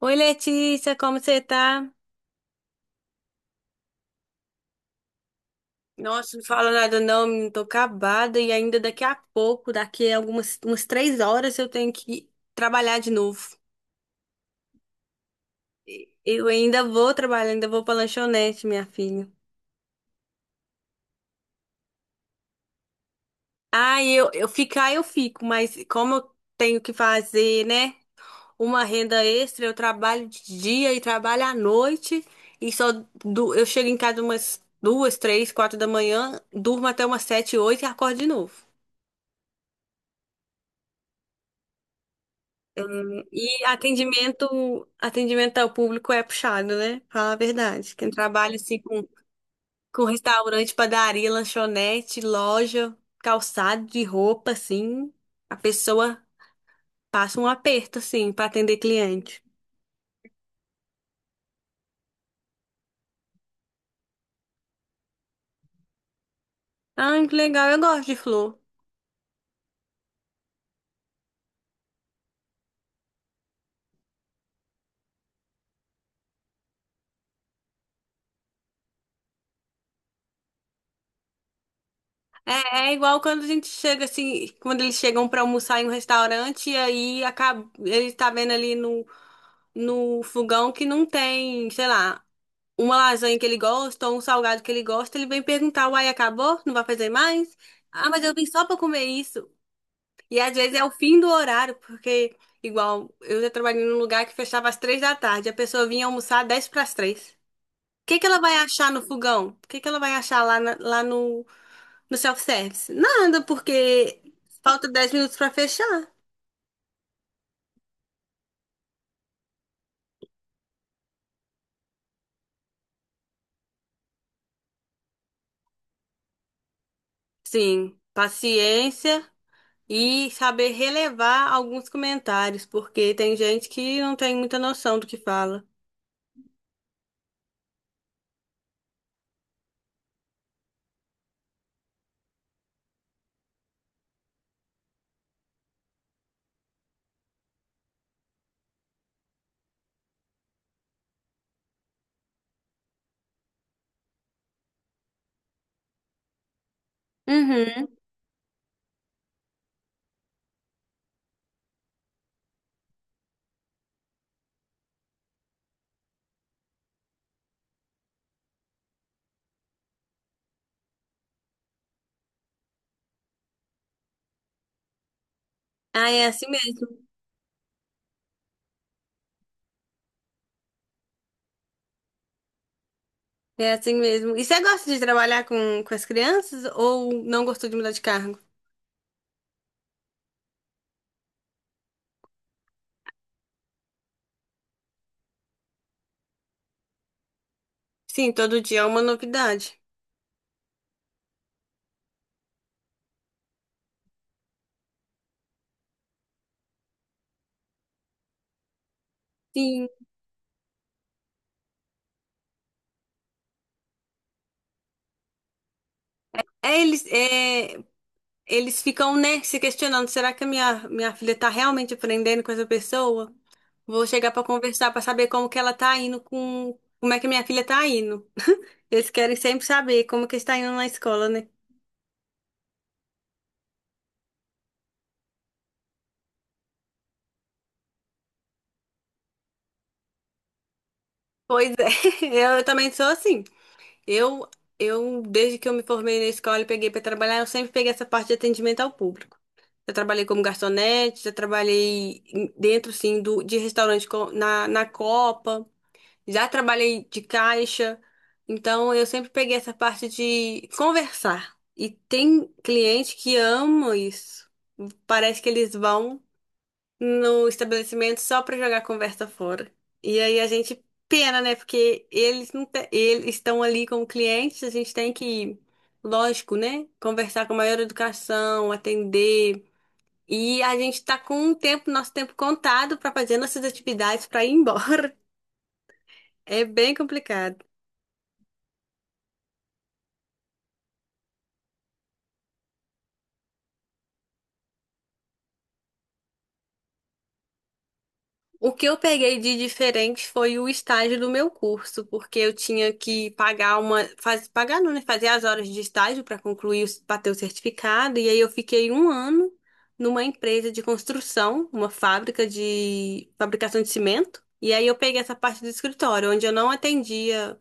Oi, Letícia, como você tá? Nossa, não fala nada não, menina, tô acabada e ainda daqui a pouco, daqui a algumas umas 3 horas eu tenho que trabalhar de novo. Eu ainda vou trabalhar, ainda vou pra lanchonete, minha filha. Ah, eu ficar eu fico, mas como eu tenho que fazer, né, uma renda extra, eu trabalho de dia e trabalho à noite e só eu chego em casa umas duas, três, quatro da manhã, durmo até umas sete, oito e acordo de novo. E atendimento ao público é puxado, né? Fala a verdade. Quem trabalha assim com restaurante, padaria, lanchonete, loja, calçado de roupa, assim, a pessoa passa um aperto, assim, para atender cliente. Ai, que legal, eu gosto de flor. É igual quando a gente chega assim, quando eles chegam para almoçar em um restaurante e aí acaba, ele tá vendo ali no fogão que não tem, sei lá. Uma lasanha que ele gosta ou um salgado que ele gosta, ele vem perguntar, uai, acabou? Não vai fazer mais? Ah, mas eu vim só pra comer isso. E às vezes é o fim do horário, porque, igual, eu já trabalhei num lugar que fechava às 3 da tarde, a pessoa vinha almoçar 10 para as 3. O que que ela vai achar no fogão? O que que ela vai achar lá, na- lá no, no self-service? Nada, porque falta 10 minutos pra fechar. Sim, paciência e saber relevar alguns comentários, porque tem gente que não tem muita noção do que fala. Uhum. Ah, é assim mesmo. É assim mesmo. E você gosta de trabalhar com as crianças ou não gostou de mudar de cargo? Sim, todo dia é uma novidade. Sim. É, eles, é, eles ficam, né, se questionando: será que a minha filha tá realmente aprendendo com essa pessoa? Vou chegar pra conversar pra saber como que ela tá indo com. Como é que minha filha tá indo? Eles querem sempre saber como que está indo na escola, né? Pois é, eu também sou assim. Eu, desde que eu me formei na escola e peguei para trabalhar, eu sempre peguei essa parte de atendimento ao público. Já trabalhei como garçonete, já trabalhei dentro, sim, de restaurante na Copa, já trabalhei de caixa. Então, eu sempre peguei essa parte de conversar. E tem cliente que ama isso. Parece que eles vão no estabelecimento só pra jogar a conversa fora. E aí a gente pena, né? Porque eles não te- eles estão ali como clientes, a gente tem que, lógico, né? Conversar com a maior educação, atender. E a gente tá com o tempo, nosso tempo contado pra fazer nossas atividades pra ir embora. É bem complicado. O que eu peguei de diferente foi o estágio do meu curso, porque eu tinha que pagar pagar não, né? Fazer as horas de estágio para concluir, para ter o certificado, e aí eu fiquei um ano numa empresa de construção, uma fábrica de fabricação de cimento, e aí eu peguei essa parte do escritório, onde eu não atendia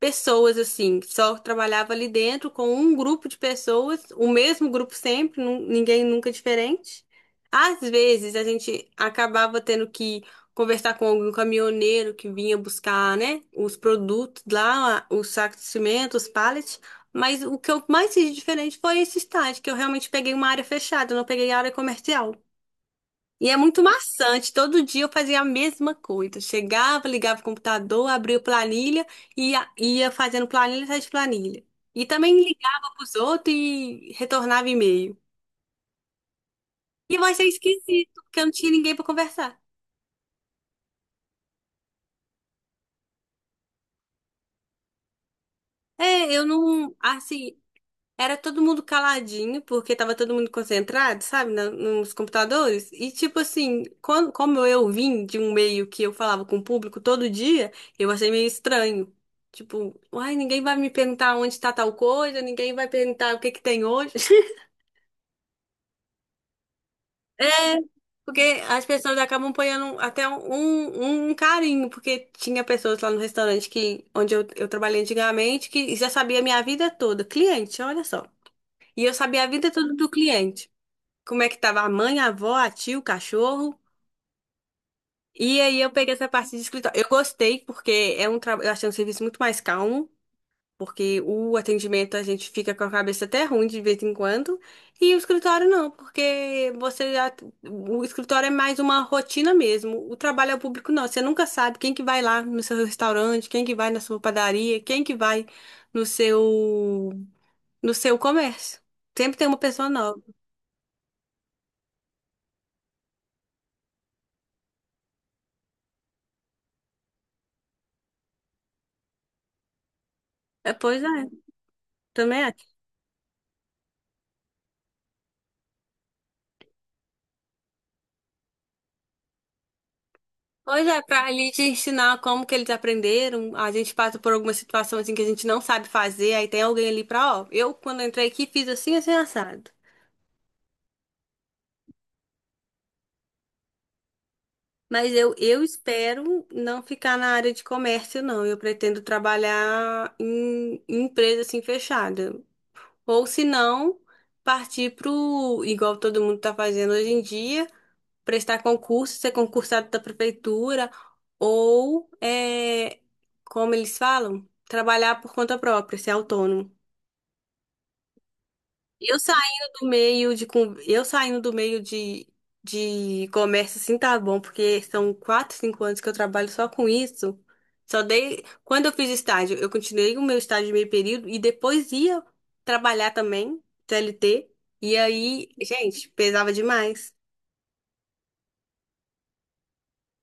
pessoas assim, que só trabalhava ali dentro com um grupo de pessoas, o mesmo grupo sempre, ninguém nunca diferente. Às vezes a gente acabava tendo que conversar com algum caminhoneiro que vinha buscar, né, os produtos lá, os sacos de cimento, os pallets. Mas o que eu mais fiz de diferente foi esse estágio, que eu realmente peguei uma área fechada, eu não peguei área comercial. E é muito maçante. Todo dia eu fazia a mesma coisa. Chegava, ligava o computador, abria planilha e ia fazendo planilha atrás de planilha. E também ligava pros outros e retornava e-mail. E eu achei esquisito, porque eu não tinha ninguém para conversar. É, eu não, assim, era todo mundo caladinho, porque tava todo mundo concentrado, sabe, nos computadores. E, tipo assim, quando, como eu vim de um meio que eu falava com o público todo dia, eu achei meio estranho. Tipo, uai, ninguém vai me perguntar onde tá tal coisa, ninguém vai perguntar o que que tem hoje. É, porque as pessoas acabam ponhando até um carinho, porque tinha pessoas lá no restaurante que, onde eu trabalhei antigamente que já sabia a minha vida toda. Cliente, olha só. E eu sabia a vida toda do cliente. Como é que tava a mãe, a avó, a tia, o cachorro. E aí eu peguei essa parte de escritório. Eu gostei porque é um trabalho, eu achei um serviço muito mais calmo, porque o atendimento a gente fica com a cabeça até ruim de vez em quando, e o escritório não, porque o escritório é mais uma rotina mesmo. O trabalho ao público não, você nunca sabe quem que vai lá no seu restaurante, quem que vai na sua padaria, quem que vai no seu no seu comércio. Sempre tem uma pessoa nova. É, pois é, também pois é, pra ali te ensinar como que eles aprenderam, a gente passa por alguma situação assim que a gente não sabe fazer, aí tem alguém ali pra, ó, eu quando entrei aqui fiz assim, assim, assado. Mas eu espero não ficar na área de comércio, não. Eu pretendo trabalhar em empresa assim fechada. Ou se não, partir pro, igual todo mundo tá fazendo hoje em dia, prestar concurso, ser concursado da prefeitura, ou, é, como eles falam, trabalhar por conta própria, ser autônomo. Eu saindo do meio de comércio assim tá bom, porque são quatro, cinco anos que eu trabalho só com isso. Só dei quando eu fiz estágio, eu continuei o meu estágio de meio período e depois ia trabalhar também, CLT. E aí, gente, pesava demais.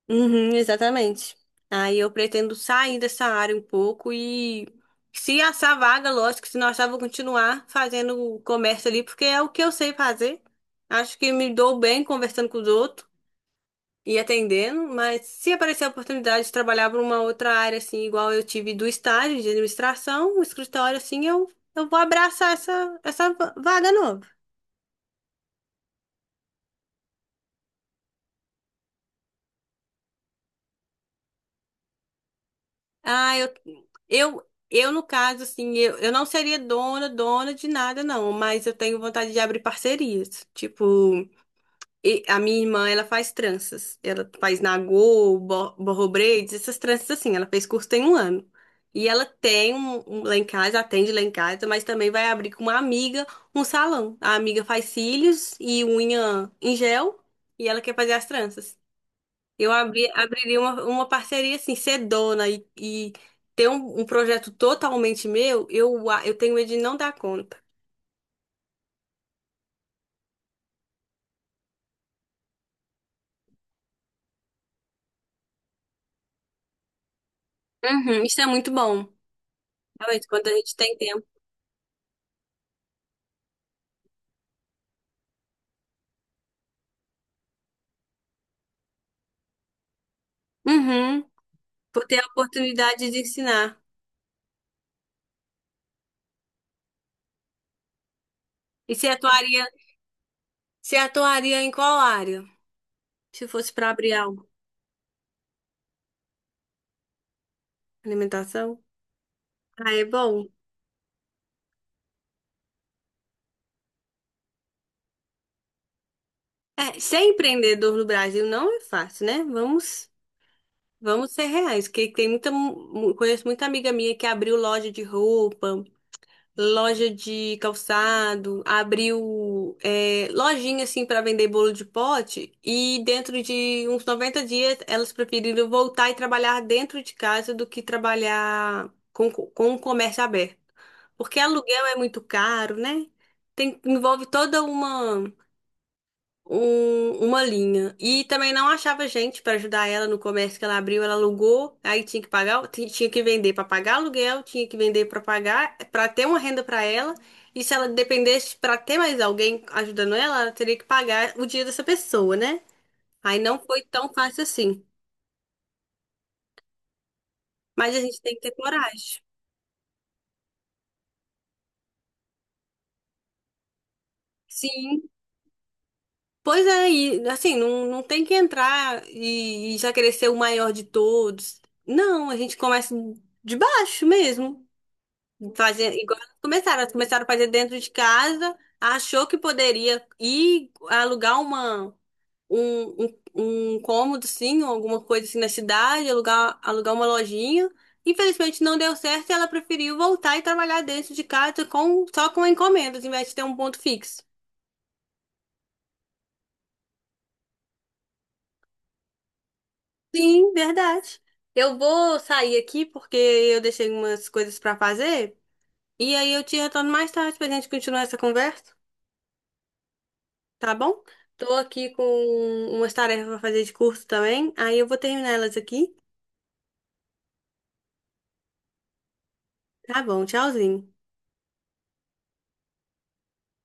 Uhum, exatamente. Aí eu pretendo sair dessa área um pouco e se achar vaga, lógico, se não achar, vou continuar fazendo comércio ali, porque é o que eu sei fazer. Acho que me dou bem conversando com os outros e atendendo, mas se aparecer a oportunidade de trabalhar para uma outra área, assim, igual eu tive do estágio de administração, o escritório, assim, eu vou abraçar vaga nova. Ah, eu no caso, assim, eu não seria dona de nada, não, mas eu tenho vontade de abrir parcerias. Tipo, a minha irmã, ela faz tranças. Ela faz nagô, borro braids, essas tranças assim. Ela fez curso tem um ano. E ela tem um lá em casa, atende lá em casa, mas também vai abrir com uma amiga um salão. A amiga faz cílios e unha em gel e ela quer fazer as tranças. Abriria uma parceria assim, ser dona e ter um projeto totalmente meu, eu, eu tenho medo de não dar conta. Uhum, isso é muito bom. Realmente, quando a gente tem tempo. Uhum, por ter a oportunidade de ensinar. E se atuaria, se atuaria em qual área? Se fosse para abrir algo. Alimentação? Ah, é bom. É, ser empreendedor no Brasil não é fácil, né? Vamos, vamos ser reais, porque tem conheço muita amiga minha que abriu loja de roupa, loja de calçado, abriu é, lojinha assim para vender bolo de pote e dentro de uns 90 dias elas preferiram voltar e trabalhar dentro de casa do que trabalhar com o comércio aberto. Porque aluguel é muito caro, né? Tem, envolve toda uma uma linha. E também não achava gente para ajudar ela no comércio que ela abriu, ela alugou, aí tinha que pagar, tinha que vender para pagar aluguel, tinha que vender para pagar, para ter uma renda para ela. E se ela dependesse para ter mais alguém ajudando ela, ela teria que pagar o dia dessa pessoa, né? Aí não foi tão fácil assim. Mas a gente tem que ter coragem. Sim. Pois é, e assim, não, não tem que entrar e já querer ser o maior de todos. Não, a gente começa de baixo mesmo. Fazer igual elas começaram a fazer dentro de casa, achou que poderia ir alugar uma, um cômodo, assim, ou alguma coisa assim na cidade, alugar, alugar uma lojinha. Infelizmente não deu certo e ela preferiu voltar e trabalhar dentro de casa com, só com encomendas, em vez de ter um ponto fixo. Sim, verdade. Eu vou sair aqui porque eu deixei umas coisas para fazer e aí eu te retorno mais tarde pra gente continuar essa conversa. Tá bom? Tô aqui com umas tarefas pra fazer de curso também. Aí eu vou terminar elas aqui. Tá bom, tchauzinho.